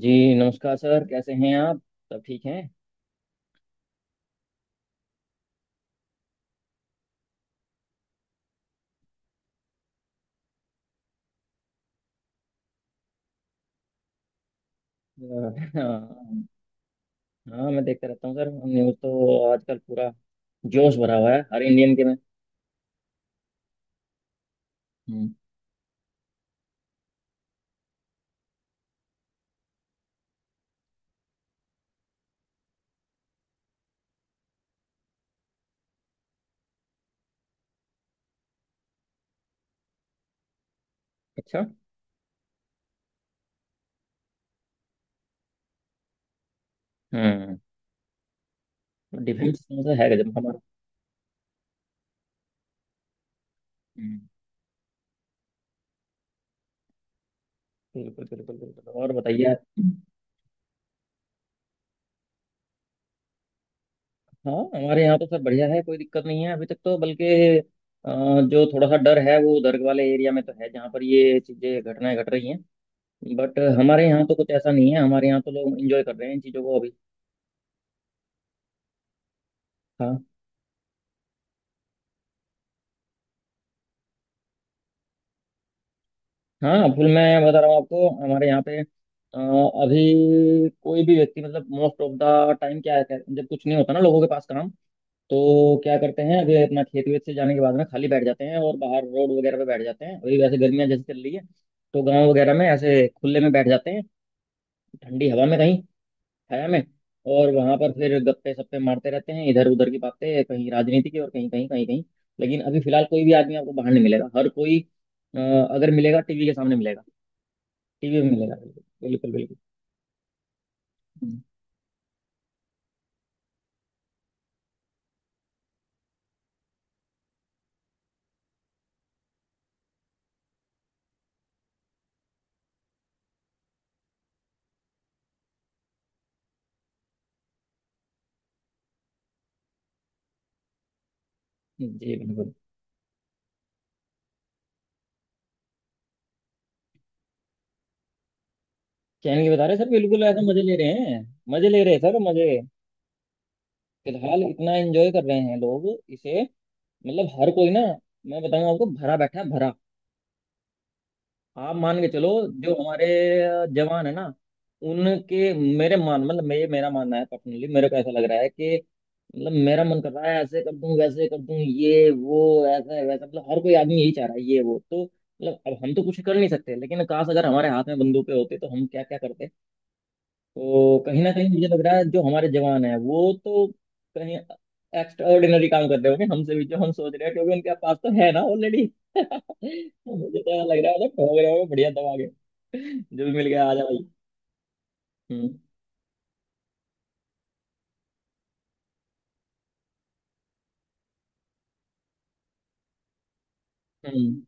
जी। नमस्कार सर, कैसे हैं आप? सब ठीक हैं। अ, हाँ, हाँ, मैं देखता रहता हूँ सर, न्यूज़ तो आजकल पूरा जोश भरा हुआ है हर इंडियन के में। हम्म, अच्छा। हम्म। डिफेंस तो मतलब है गजब हमारा। हम्म, बिल्कुल बिल्कुल बिल्कुल, और बताइए आप। हाँ, हमारे यहाँ तो सर बढ़िया है, कोई दिक्कत नहीं है अभी तक, तो बल्कि अ, जो थोड़ा सा डर है वो उधर वाले एरिया में तो है, जहाँ पर ये चीज़ें घटनाएं घट रही हैं। बट हमारे यहाँ तो कुछ ऐसा नहीं है, हमारे यहाँ तो लोग इंजॉय कर रहे हैं इन चीज़ों को अभी। हाँ, हाँ फुल, मैं बता रहा हूँ आपको, हमारे यहाँ पे अभी कोई भी व्यक्ति, मतलब मोस्ट ऑफ द टाइम क्या है? जब कुछ नहीं होता ना लोगों के पास काम, तो क्या करते हैं अभी? अपना खेत वेत से जाने के बाद में खाली बैठ जाते हैं और बाहर रोड वगैरह पे बैठ जाते हैं। अभी वैसे गर्मियाँ जैसे चल रही है, तो गाँव वगैरह में ऐसे खुले में बैठ जाते हैं, ठंडी हवा में, कहीं छाया में, और वहां पर फिर गप्पे सप्पे मारते रहते हैं, इधर उधर की बातें, कहीं राजनीति की, और कहीं कहीं कहीं कहीं। लेकिन अभी फिलहाल कोई भी आदमी आपको बाहर नहीं मिलेगा, हर कोई अगर मिलेगा टीवी के सामने मिलेगा। टीवी में मिलेगा, बिल्कुल बिल्कुल बिल्कुल। जी बिल्कुल। क्या इनके बता रहे हैं सर, बिल्कुल ऐसा मजे ले रहे हैं। मजे ले रहे हैं सर, मजे। फिलहाल इतना एंजॉय कर रहे हैं लोग इसे, मतलब हर कोई ना, मैं बताऊंगा आपको भरा बैठा है भरा, आप मान के चलो। जो हमारे जवान है ना, उनके मेरे मान, मतलब मैं, मेरा मानना है पर्सनली, मेरे को ऐसा लग रहा है कि मतलब मेरा मन कर रहा है ऐसे कर दूं वैसे कर दूं ये वो, ऐसा है वैसा, मतलब हर कोई आदमी यही चाह रहा है ये वो, तो मतलब अब हम तो कुछ कर नहीं सकते, लेकिन काश अगर हमारे हाथ में बंदूकें होती तो हम क्या क्या करते। तो कहीं ना कहीं मुझे लग रहा है जो हमारे जवान है वो तो कहीं एक्स्ट्रा ऑर्डिनरी काम कर रहे होंगे हमसे भी जो हम सोच रहे हैं, क्योंकि उनके पास तो है ना ऑलरेडी। तो मुझे तो ऐसा लग रहा है, मतलब ठोक रहे होंगे बढ़िया दबा के, जो भी मिल गया आ जा भाई। हम्म, हम्म,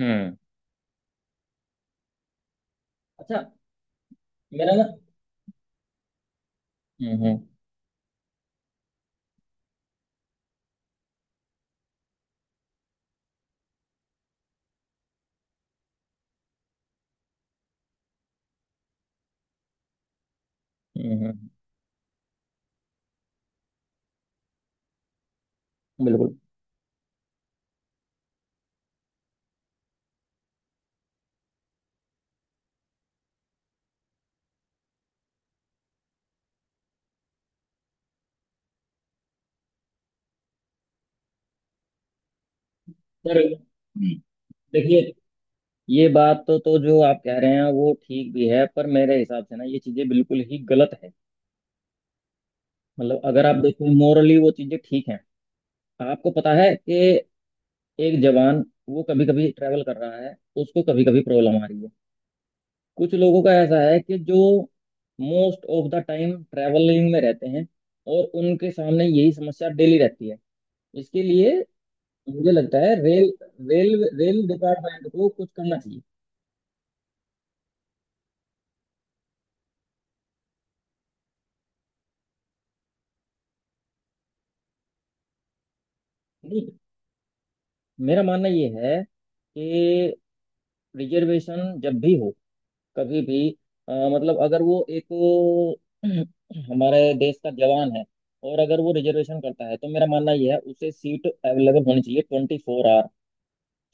हम्म, अच्छा, मेरा ना, हम्म, हम्म, हम्म, बिल्कुल सर। देखिए, ये बात तो जो आप कह रहे हैं वो ठीक भी है, पर मेरे हिसाब से ना ये चीजें बिल्कुल ही गलत है। मतलब अगर आप देखो मोरली वो चीजें ठीक हैं। आपको पता है कि एक जवान, वो कभी कभी ट्रैवल कर रहा है, उसको कभी कभी प्रॉब्लम आ रही है, कुछ लोगों का ऐसा है कि जो most of the time travelling में रहते हैं, और उनके सामने यही समस्या डेली रहती है, इसके लिए मुझे लगता है रेल रेल रेल डिपार्टमेंट को कुछ करना चाहिए। नहीं, मेरा मानना ये है कि रिजर्वेशन जब भी हो, कभी भी, मतलब अगर वो एक हमारे देश का जवान है, और अगर वो रिजर्वेशन करता है तो मेरा मानना ये है उसे सीट अवेलेबल होनी चाहिए 24,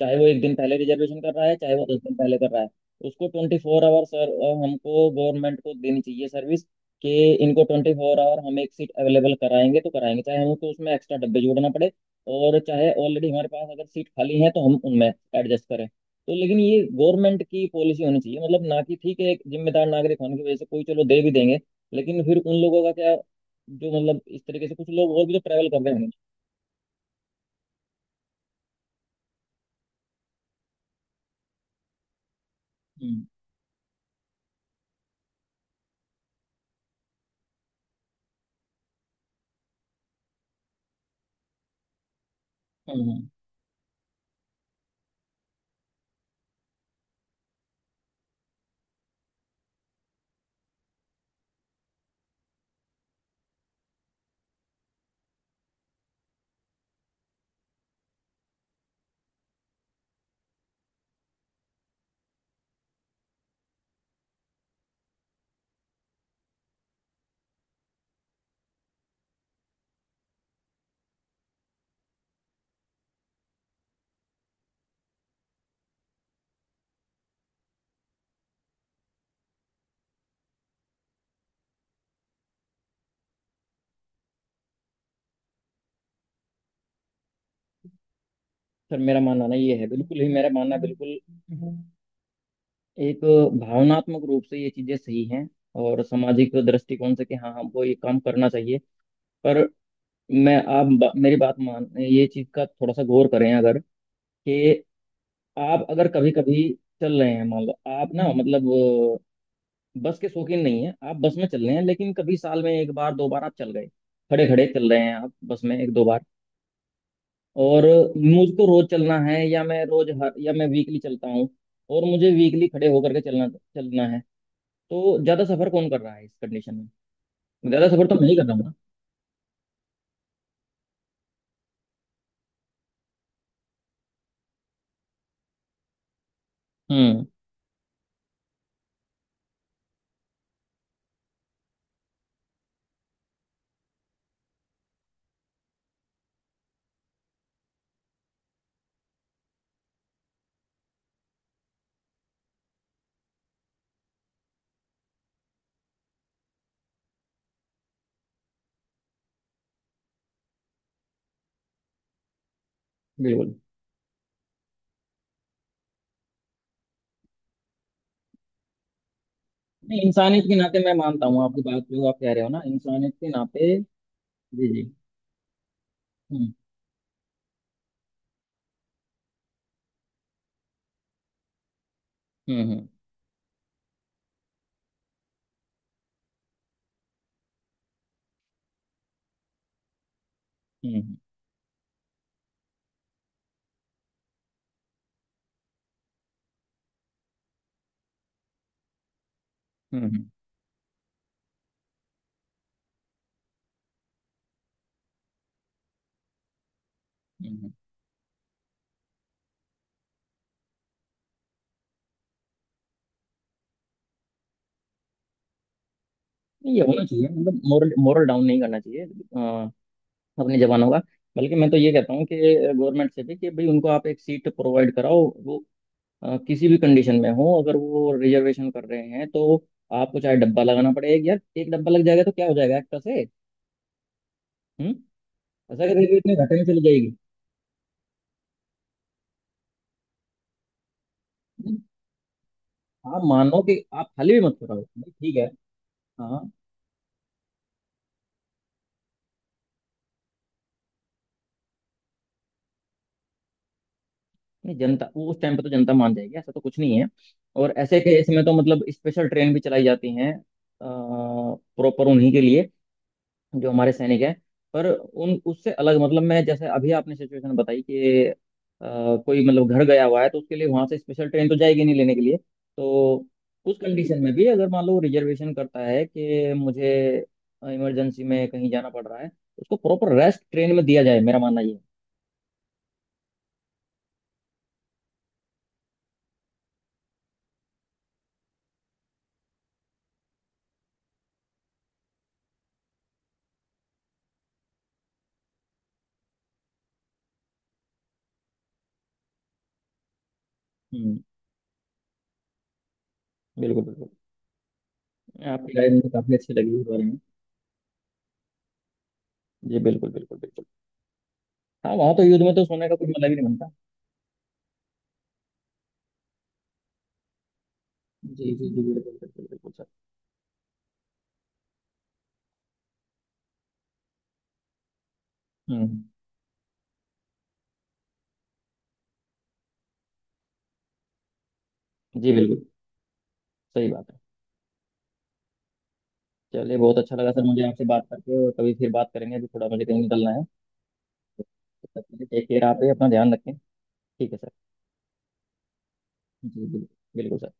चाहे वो एक दिन पहले रिजर्वेशन कर रहा है चाहे वो 10 दिन पहले कर रहा है। उसको 24 आवर सर, हमको गवर्नमेंट को देनी चाहिए सर्विस, कि इनको 24 आवर हम एक सीट अवेलेबल कराएंगे तो कराएंगे, चाहे हमको उसमें एक्स्ट्रा डब्बे जोड़ना पड़े, और चाहे ऑलरेडी हमारे पास अगर सीट खाली है तो हम उनमें एडजस्ट करें, तो लेकिन ये गवर्नमेंट की पॉलिसी होनी चाहिए मतलब, ना कि ठीक है एक जिम्मेदार नागरिक होने की वजह से कोई चलो दे भी देंगे। लेकिन फिर उन लोगों का क्या, जो मतलब इस तरीके से कुछ लोग और भी तो ट्रैवल कर रहे होंगे। हम्म, हम्म, सर, मेरा मानना ना ये है बिल्कुल ही, मेरा मानना बिल्कुल एक, भावनात्मक रूप से ये चीजें सही हैं, और सामाजिक दृष्टिकोण से कि हाँ हमको ये काम करना चाहिए, पर मैं मेरी बात मान, ये चीज का थोड़ा सा गौर करें अगर, कि आप अगर कभी कभी चल रहे हैं, मान लो आप ना, मतलब बस के शौकीन नहीं है, आप बस में चल रहे हैं, लेकिन कभी साल में एक बार 2 बार आप चल गए, खड़े खड़े चल रहे हैं आप बस में एक दो बार, और मुझको रोज चलना है, या मैं रोज हर, या मैं वीकली चलता हूँ, और मुझे वीकली खड़े होकर के चलना चलना है। तो ज्यादा सफर कौन कर रहा है इस कंडीशन में? ज्यादा सफर तो मैं ही कर रहा हूँ ना। हम्म, बिल्कुल। नहीं, इंसानियत के नाते मैं मानता हूँ आपकी बात जो आप कह रहे हो ना, इंसानियत के नाते। जी जी, हम्म, हम्म, हम्म, हम्म, हम्म, हम्म। नहीं, ये होना चाहिए, मतलब मोरल मोरल डाउन नहीं करना चाहिए अपने जवानों का। बल्कि मैं तो ये कहता हूँ कि गवर्नमेंट से भी, कि भाई उनको आप एक सीट प्रोवाइड कराओ, किसी भी कंडीशन में हो, अगर वो रिजर्वेशन कर रहे हैं तो आपको चाहे डब्बा लगाना पड़ेगा, यार एक डब्बा लग जाएगा तो क्या हो जाएगा एक्टर से। हम्म। ऐसा कि रेलवे इतने घाटे में चली जाएगी। नहीं, आप मानो कि आप खाली भी मत कराओ, नहीं, ठीक है। हाँ। नहीं, जनता वो उस टाइम पे तो जनता मान जाएगी, ऐसा तो कुछ नहीं है। और ऐसे केस में तो मतलब स्पेशल ट्रेन भी चलाई जाती हैं प्रॉपर उन्हीं के लिए, जो हमारे सैनिक हैं। पर उन उससे अलग, मतलब मैं, जैसे अभी आपने सिचुएशन बताई कि कोई मतलब घर गया हुआ है, तो उसके लिए वहां से स्पेशल ट्रेन तो जाएगी नहीं लेने के लिए, तो उस कंडीशन में भी अगर मान लो रिजर्वेशन करता है कि मुझे इमरजेंसी में कहीं जाना पड़ रहा है, तो उसको प्रॉपर रेस्ट ट्रेन में दिया जाए, मेरा मानना ये है। हम्म, बिल्कुल बिल्कुल। आपकी राय मुझे काफी अच्छी लगी इस बारे में। जी बिल्कुल बिल्कुल बिल्कुल। हाँ, वहां तो युद्ध में तो सोने का कोई मतलब ही नहीं बनता। जी जी जी, बिल्कुल बिल्कुल बिल्कुल सर। हम्म, जी बिल्कुल, सही बात है। चलिए, बहुत अच्छा लगा सर मुझे आपसे बात करके, और कभी फिर बात करेंगे, अभी थोड़ा मुझे कहीं निकलना है। टेक केयर, आप ही अपना ध्यान रखें। ठीक है सर, जी बिल्कुल, बिल्कुल सर।